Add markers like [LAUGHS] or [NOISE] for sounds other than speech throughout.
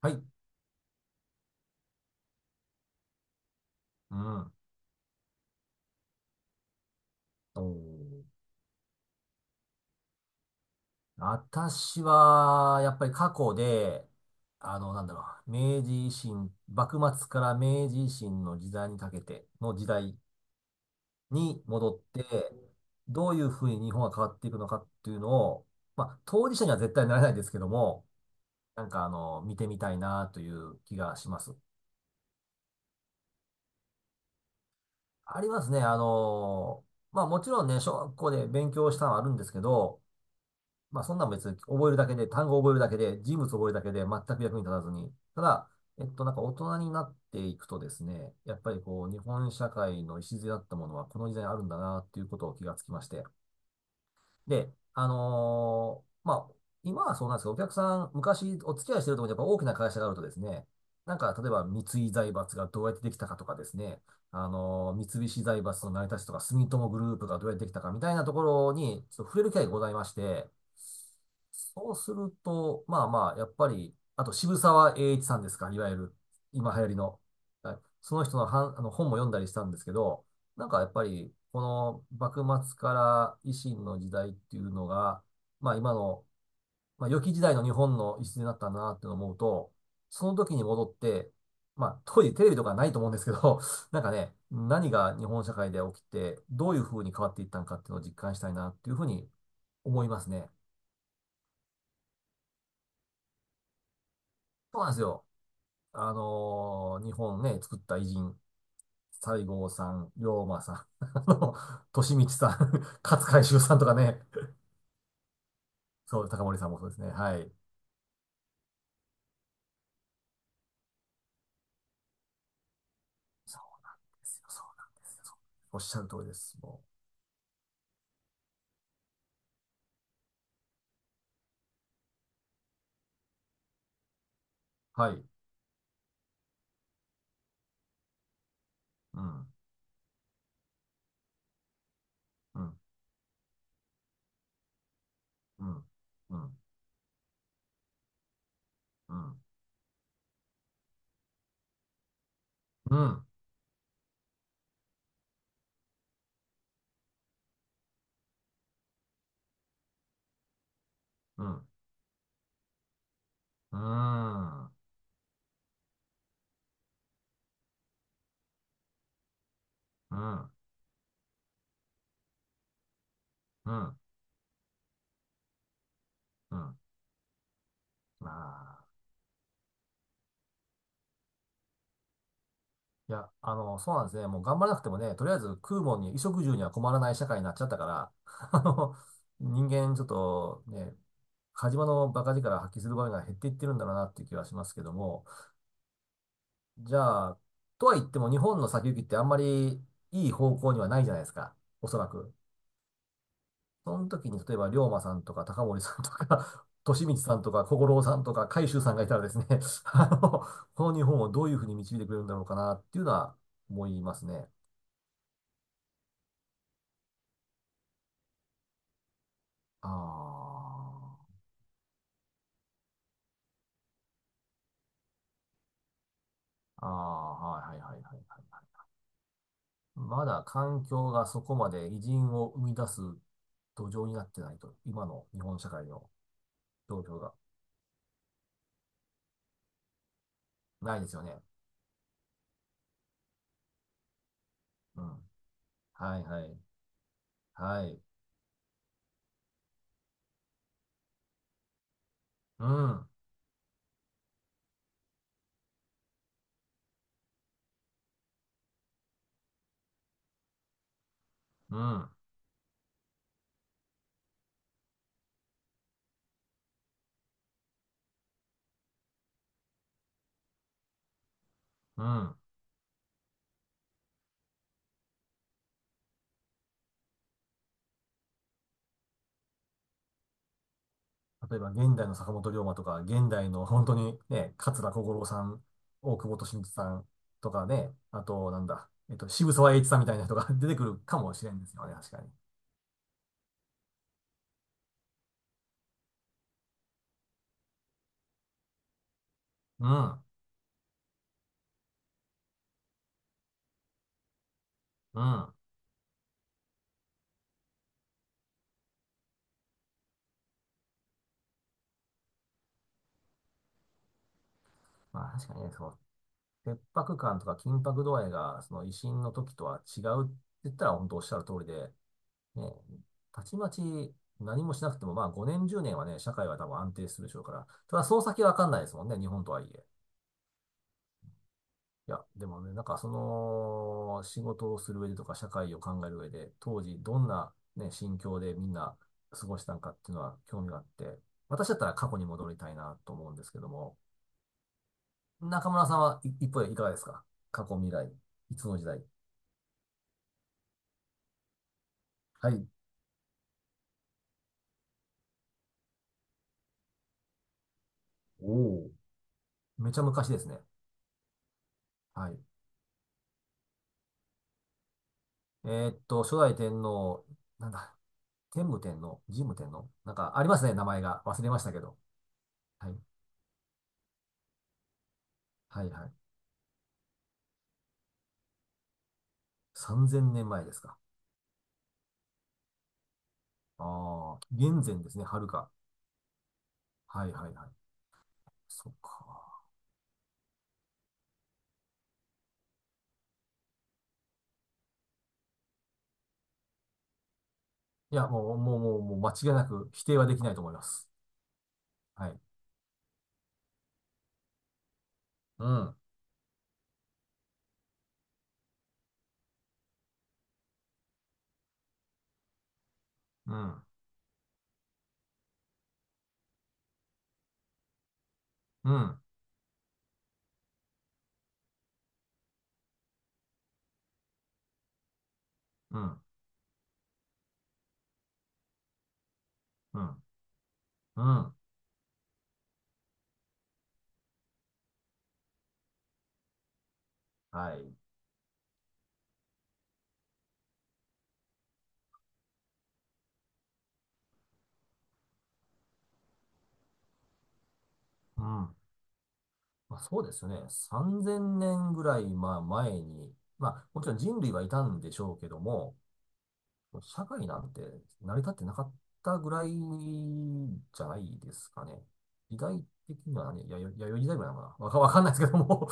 はい。うん。おー私は、やっぱり過去で、なんだろう、明治維新、幕末から明治維新の時代にかけての時代に戻って、どういうふうに日本が変わっていくのかっていうのを、まあ、当事者には絶対なれないですけども、なんか、見てみたいなという気がします。ありますね。まあ、もちろんね、小学校で勉強したのはあるんですけど、まあ、そんなん別に覚えるだけで、単語覚えるだけで、人物覚えるだけで、全く役に立たずに。ただ、なんか大人になっていくとですね、やっぱりこう、日本社会の礎だったものは、この時代にあるんだな、っていうことを気がつきまして。で、まあ、今はそうなんですけど、お客さん、昔お付き合いしてるところにやっぱ大きな会社があるとですね、なんか、例えば三井財閥がどうやってできたかとかですね、三菱財閥の成り立ちとか、住友グループがどうやってできたかみたいなところに、ちょっと触れる機会がございまして、そうすると、まあまあ、やっぱり、あと渋沢栄一さんですか、いわゆる、今流行りの。はい。その人のあの本も読んだりしたんですけど、なんかやっぱり、この幕末から維新の時代っていうのが、まあ今の、まあ良き時代の日本の礎になったなって思うと、その時に戻って、まあ当時テレビとかないと思うんですけど、[LAUGHS] なんかね、何が日本社会で起きて、どういう風に変わっていったのかっていうのを実感したいなっていうふうに思いますね。そうなんですよ。日本ね、作った偉人、西郷さん、龍馬さん、[LAUGHS] あの、利光さん、[LAUGHS] 勝海舟さんとかね、そう、高森さんもそうですね。はい。そうですよ、そうなんですよ。そうおっしゃる通りです。はい。うん、うん、うん、うん、うん、うん、うん、うん、うん、うん、うん。まあ、いや、そうなんですね。もう頑張らなくてもね、とりあえず食うもんに、衣食住には困らない社会になっちゃったから、[LAUGHS] あの、人間ちょっとね、火事場の馬鹿力発揮する場面が減っていってるんだろうなっていう気はしますけども、じゃあ、とは言っても日本の先行きってあんまりいい方向にはないじゃないですか。おそらく。その時に、例えば、龍馬さんとか、高森さんとか、[LAUGHS] 利光さんとか、小五郎さんとか、海舟さんがいたらですね、[LAUGHS] あの、この日本をどういうふうに導いてくれるんだろうかなっていうのは思いますね。ああ、ああ、はいはいはいはいはい。まだ環境がそこまで偉人を生み出す土壌になってないと、今の日本社会の状況がないですよね。うん。はいはい。はい。うん、うん、うん。例えば、現代の坂本龍馬とか、現代の [LAUGHS] 本当にね、桂小五郎さん、大久保利通さんとかね、あと、なんだ、渋沢栄一さんみたいな人が [LAUGHS] 出てくるかもしれんですよね、確かに。うん、うん。まあ、確かにね、その、切迫感とか緊迫度合いが、その、維新の時とは違うって言ったら、本当おっしゃる通りで、ね、たちまち何もしなくても、まあ、5年、10年はね、社会は多分安定するでしょうから、ただ、その先はわかんないですもんね、日本とはいえ。いや、でもね、なんかその、仕事をする上でとか、社会を考える上で、当時どんなね、心境でみんな過ごしたのかっていうのは興味があって、私だったら過去に戻りたいなと思うんですけども、中村さん、はい、一方でいかがですか？過去、未来、いつの時代。はい。おお。めちゃ昔ですね。はい。初代天皇、なんだ、天武天皇、神武天皇、なんかありますね、名前が。忘れましたけど。はい。はいはい。3000年前ですか？ああ、現前ですね、はるか。はいはいはい。そっか。いや、もう、もう、もう、もう間違いなく否定はできないと思います。はい。うん、うん、うん、うん、うん、うん。はい。うん。まあ、そうですよね。3000年ぐらい、まあ、前に、まあ、もちろん人類はいたんでしょうけども、社会なんて成り立ってなかったぐらいじゃないですかね。時代的にはね、弥生時代ぐらいなのかな。わかんないですけども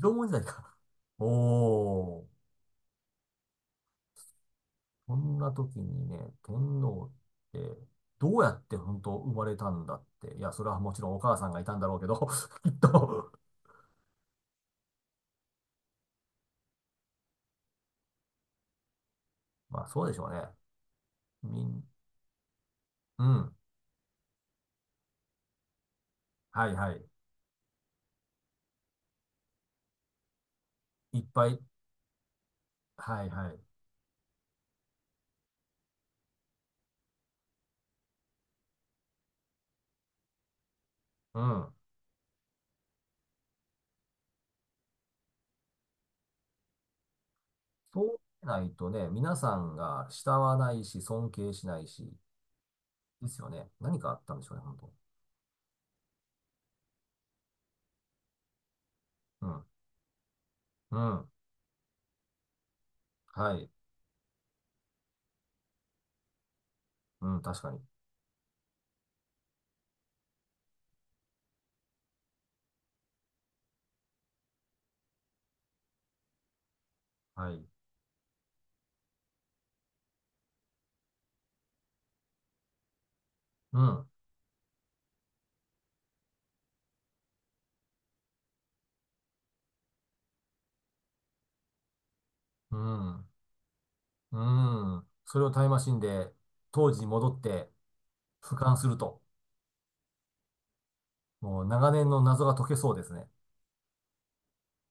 縄文時代か。おー。そんな時にね、天皇って、どうやって本当生まれたんだって。いや、それはもちろんお母さんがいたんだろうけど、[LAUGHS] きっと。まあ、そうでしょうね。みん、うん。はいはい。いっぱい。はいはい。うん。そうしないとね、皆さんが慕わないし、尊敬しないし、ですよね。何かあったんでしょうね、本当。うん。うん。はい。うん、確かに。はい。うん。うん。うん。それをタイムマシンで当時に戻って俯瞰すると、もう長年の謎が解けそうですね。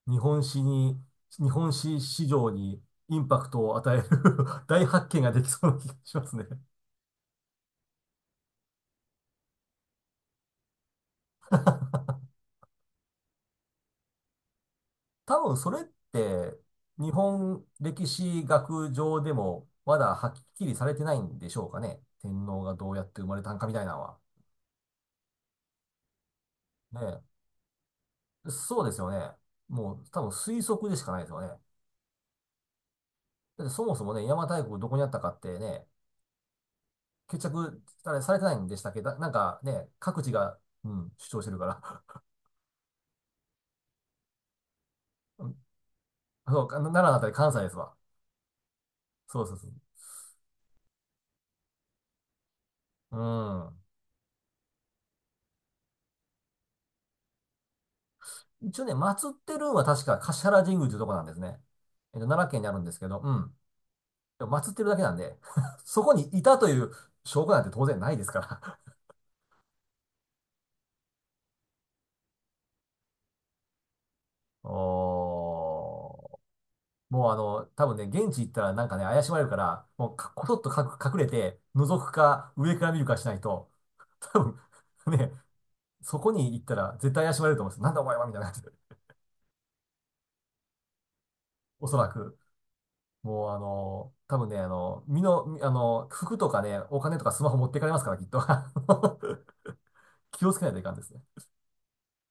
日本史に、日本史史上にインパクトを与える [LAUGHS] 大発見ができそうな気がしますね。多分それって日本歴史学上でもまだはっきりされてないんでしょうかね。天皇がどうやって生まれたんかみたいなのは。ねえ。そうですよね。もう多分推測でしかないですよね。だってそもそもね、邪馬台国どこにあったかってね、決着、あれ、されてないんでしたっけなんかね、各地が、うん、主張してるから。[LAUGHS] うん。そうか、奈良だったり関西ですわ。そうそうそう。うん。一応ね、祀ってるんは確か橿原神宮というとこなんですね。奈良県にあるんですけど、うん。でも祀ってるだけなんで、[LAUGHS] そこにいたという証拠なんて当然ないですから。[LAUGHS] おー。もう多分ね、現地行ったらなんかね、怪しまれるから、もうかこそっと隠れて、覗くか、上から見るかしないと、多分 [LAUGHS] ね、そこに行ったら絶対怪しまれると思うんですよ。なんだお前はみたいな感じで。おそらく。もう多分ね、身の、みあの、服とかね、お金とかスマホ持ってかれますから、きっと。[LAUGHS] 気をつけないといかんですね。